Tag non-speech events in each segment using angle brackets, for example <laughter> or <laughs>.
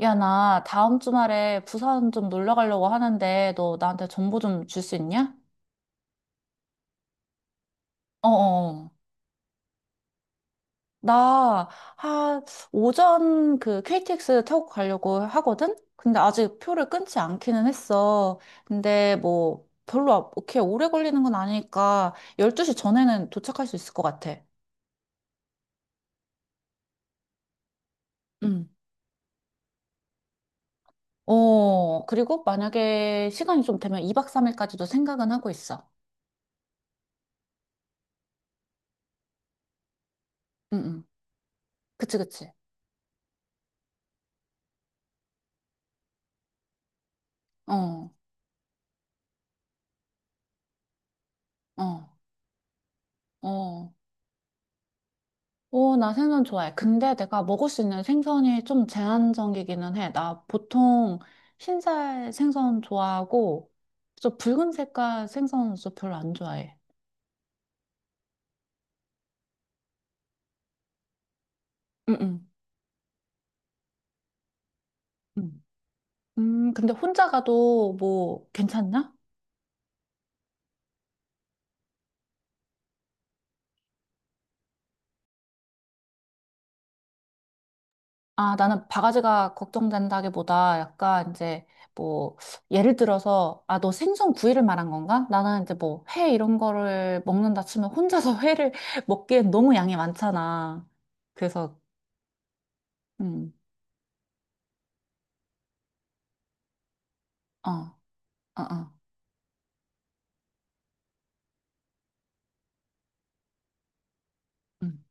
야, 나 다음 주말에 부산 좀 놀러 가려고 하는데 너 나한테 정보 좀 줄 수 있냐? 어어. 나 한 오전 그 KTX 타고 가려고 하거든? 근데 아직 표를 끊지 않기는 했어. 근데 뭐 별로 그렇게 오래 걸리는 건 아니니까 12시 전에는 도착할 수 있을 것 같아. 응. 어, 그리고 만약에 시간이 좀 되면 2박 3일까지도 생각은 하고 있어. 응, 응. 그치, 그치. 어, 어, 어. 오, 나 생선 좋아해. 근데 내가 먹을 수 있는 생선이 좀 제한적이기는 해. 나 보통 흰살 생선 좋아하고, 저 붉은 색깔 생선은 좀 별로 안 좋아해. 응응. 음. 근데 혼자 가도 뭐 괜찮나? 아, 나는 바가지가 걱정된다기보다 약간 이제 뭐 예를 들어서 아, 너 생선 구이를 말한 건가? 나는 이제 뭐 회 이런 거를 먹는다 치면 혼자서 회를 <laughs> 먹기엔 너무 양이 많잖아. 그래서 음. 어, 어, 어. 음.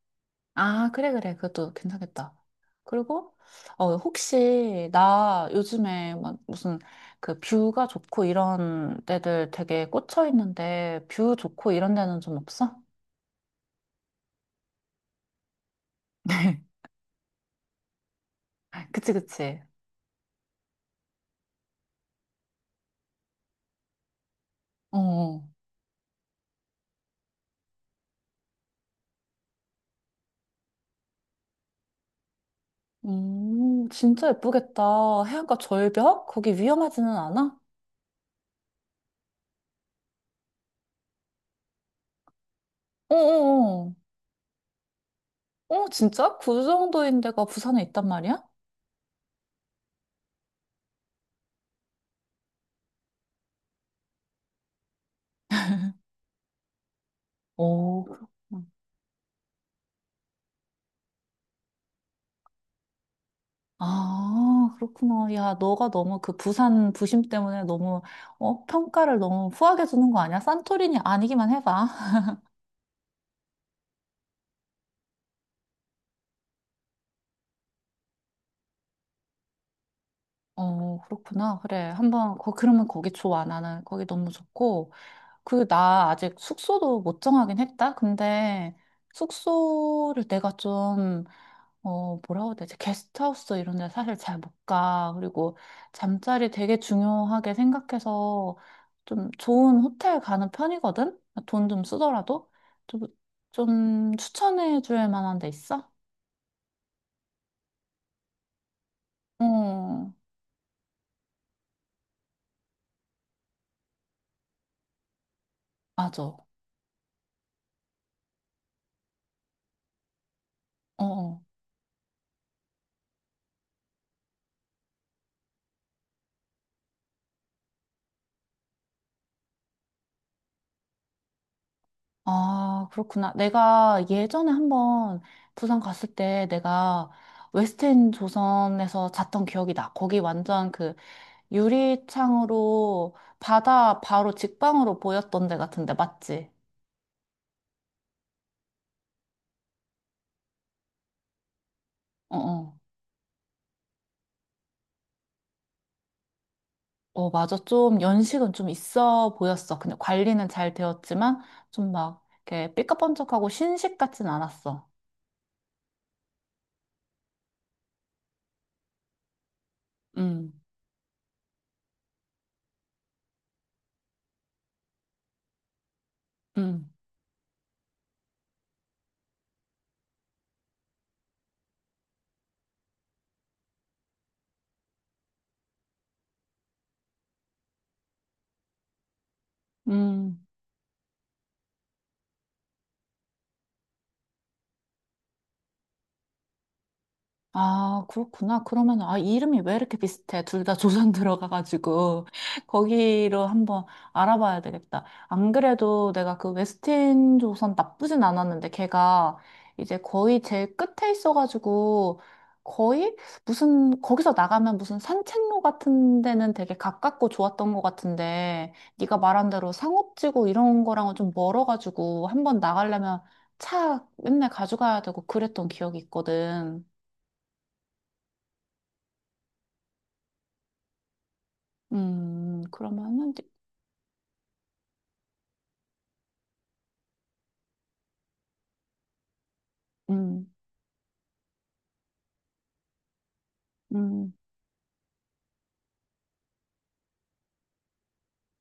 아, 그래, 그래. 그것도 괜찮겠다. 그리고, 어, 혹시, 나 요즘에 막 무슨 그 뷰가 좋고 이런 데들 되게 꽂혀 있는데, 뷰 좋고 이런 데는 좀 없어? <laughs> 그치, 그치. 어. 진짜 예쁘겠다. 해안가 절벽? 거기 위험하지는 않아? 어어어. 어, 어. 어, 진짜? 그 정도인 데가 부산에 있단 말이야? 오. 아, 그렇구나. 야, 너가 너무 그 부산 부심 때문에 너무, 어, 평가를 너무 후하게 주는 거 아니야? 산토리니 아니기만 해봐. <laughs> 어, 그렇구나. 그래. 한번, 거, 그러면 거기 좋아. 나는 거기 너무 좋고. 그, 나 아직 숙소도 못 정하긴 했다. 근데 숙소를 내가 좀 어, 뭐라고 해야 되지? 게스트하우스 이런 데 사실 잘 못 가. 그리고 잠자리 되게 중요하게 생각해서 좀 좋은 호텔 가는 편이거든? 돈 좀 쓰더라도? 좀, 좀 추천해 줄 만한 데 있어? 어, 맞아. 어. 어. 아, 그렇구나. 내가 예전에 한번 부산 갔을 때 내가 웨스트end 조선에서 잤던 기억이 나. 거기 완전 그 유리창으로 바다 바로 직방으로 보였던 데 같은데, 맞지? 어, 어. 어, 맞아. 좀 연식은 좀 있어 보였어. 근데 관리는 잘 되었지만, 좀 막, 이렇게 삐까뻔쩍하고 신식 같진 않았어. 음, 음, 음. 아, 그렇구나. 그러면, 아, 이 이름이 왜 이렇게 비슷해? 둘 다 조선 들어가가지고, <laughs> 거기로 한번 알아봐야 되겠다. 안 그래도 내가 그 웨스틴 조선 나쁘진 않았는데, 걔가 이제 거의 제일 끝에 있어가지고, 거의 무슨, 거기서 나가면 무슨 산책로 같은 데는 되게 가깝고 좋았던 것 같은데, 네가 말한 대로 상업지구 이런 거랑은 좀 멀어가지고, 한번 나가려면 차 맨날 가져가야 되고 그랬던 기억이 있거든. 그러면은, 니- 음, 음,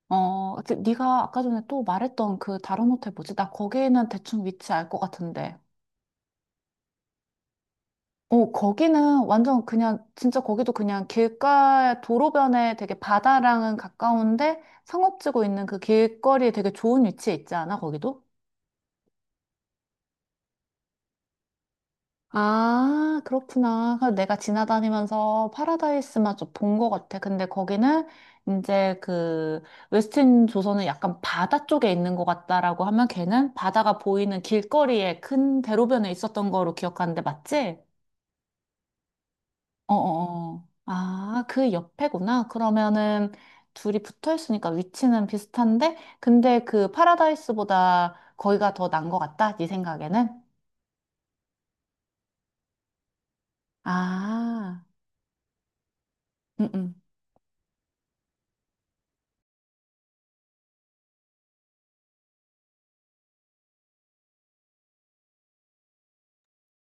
어, 그 네가 아까 전에 또 말했던 그 다른 호텔 뭐지? 나 거기는 대충 위치 알 것 같은데. 어, 거기는 완전 그냥, 진짜 거기도 그냥 길가, 도로변에 되게 바다랑은 가까운데, 상업지고 있는 그 길거리에 되게 좋은 위치에 있지 않아, 거기도? 아, 그렇구나. 그래서 내가 지나다니면서 파라다이스만 좀 본 것 같아. 근데 거기는 이제 그 웨스틴 조선은 약간 바다 쪽에 있는 것 같다라고 하면 걔는 바다가 보이는 길거리에 큰 대로변에 있었던 거로 기억하는데 맞지? 어어어. 아, 그 옆에구나. 그러면은 둘이 붙어 있으니까 위치는 비슷한데, 근데 그 파라다이스보다 거기가 더 난 것 같다. 네 생각에는? 아, 응응.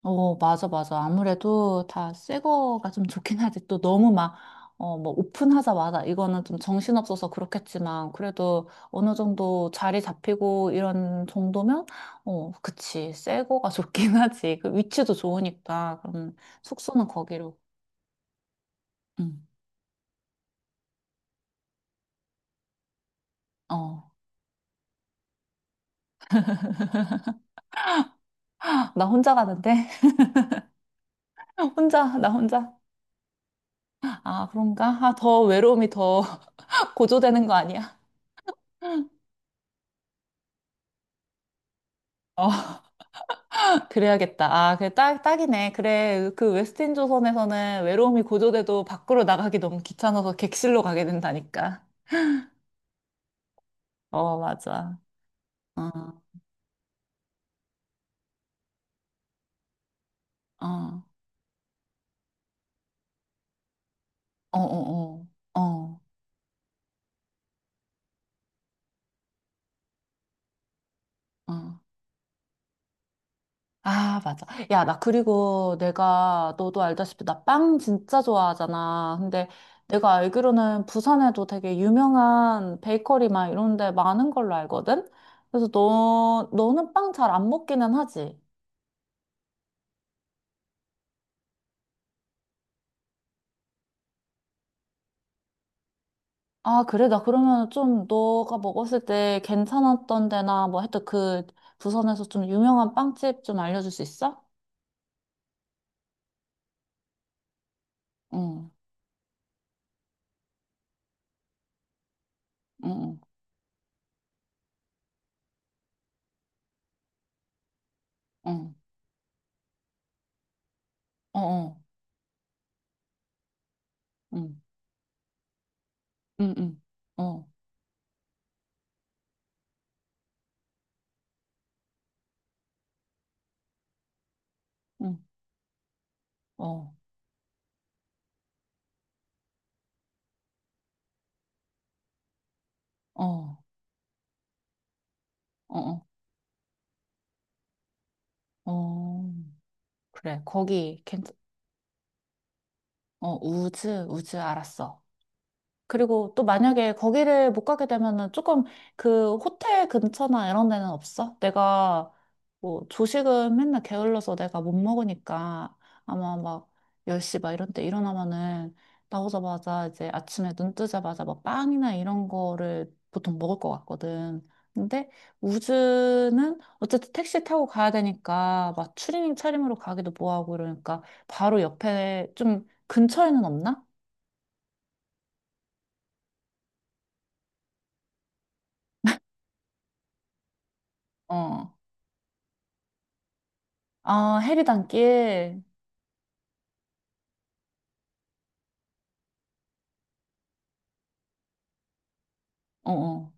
어, 맞아, 맞아. 아무래도 다 새 거가 좀 좋긴 하지. 또 너무 막, 어, 뭐, 오픈하자마자, 이거는 좀 정신없어서 그렇겠지만, 그래도 어느 정도 자리 잡히고 이런 정도면, 어, 그치. 새 거가 좋긴 <laughs> 하지. 그 위치도 좋으니까. 그럼 숙소는 거기로. 응. 어. 아, 나 혼자 가는데? <laughs> 혼자, 나 혼자. 아, 그런가? 아, 더 외로움이 더 <laughs> 고조되는 거 아니야? 어. 그래야겠다. 아, 그래, 딱, 딱이네. 그래, 그 웨스틴 조선에서는 외로움이 고조돼도 밖으로 나가기 너무 귀찮아서 객실로 가게 된다니까. 어, 맞아. 어, 어, 어, 어, 어, 어. 어. 아, 맞아. 야, 나 그리고 내가, 너도 알다시피 나 빵 진짜 좋아하잖아. 근데 내가 알기로는 부산에도 되게 유명한 베이커리 막 이런 데 많은 걸로 알거든? 그래서 너는 빵 잘 안 먹기는 하지? 아, 그래. 나 그러면 좀 너가 먹었을 때 괜찮았던 데나 뭐 하여튼 그 부산에서 좀 유명한 빵집 좀 알려줄 수 있어? 응, 응, 응, 응, 어, 어, 응, 응, 응, 어, 응, 어, 어, 어, 어, 어. 그래. 거기 괜찮, 어, 우즈, 우즈 알았어. 그리고 또 만약에 거기를 못 가게 되면은 조금 그 호텔 근처나 이런 데는 없어? 내가 뭐 조식은 맨날 게을러서 내가 못 먹으니까 아마 막 10시 막 이런 때 일어나면은 나오자마자 이제 아침에 눈 뜨자마자 막 빵이나 이런 거를 보통 먹을 것 같거든. 근데 우즈는 어쨌든 택시 타고 가야 되니까 막 추리닝 차림으로 가기도 뭐하고 이러니까 바로 옆에 좀 근처에는 없나? 어. 아, 해리단길. 어, 어,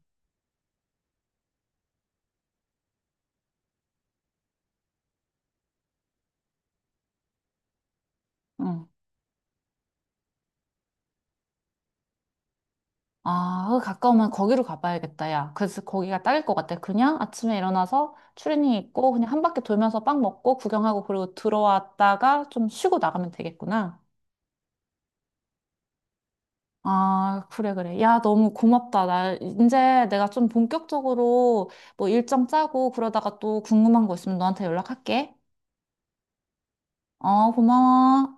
어. 아, 거기 가까우면 거기로 가봐야겠다, 야. 그래서 거기가 딱일 것 같아. 그냥 아침에 일어나서 추리닝 입고 그냥 한 바퀴 돌면서 빵 먹고 구경하고 그리고 들어왔다가 좀 쉬고 나가면 되겠구나. 아, 그래, 그래. 야, 너무 고맙다. 나 이제 내가 좀 본격적으로 뭐 일정 짜고 그러다가 또 궁금한 거 있으면 너한테 연락할게. 어, 고마워.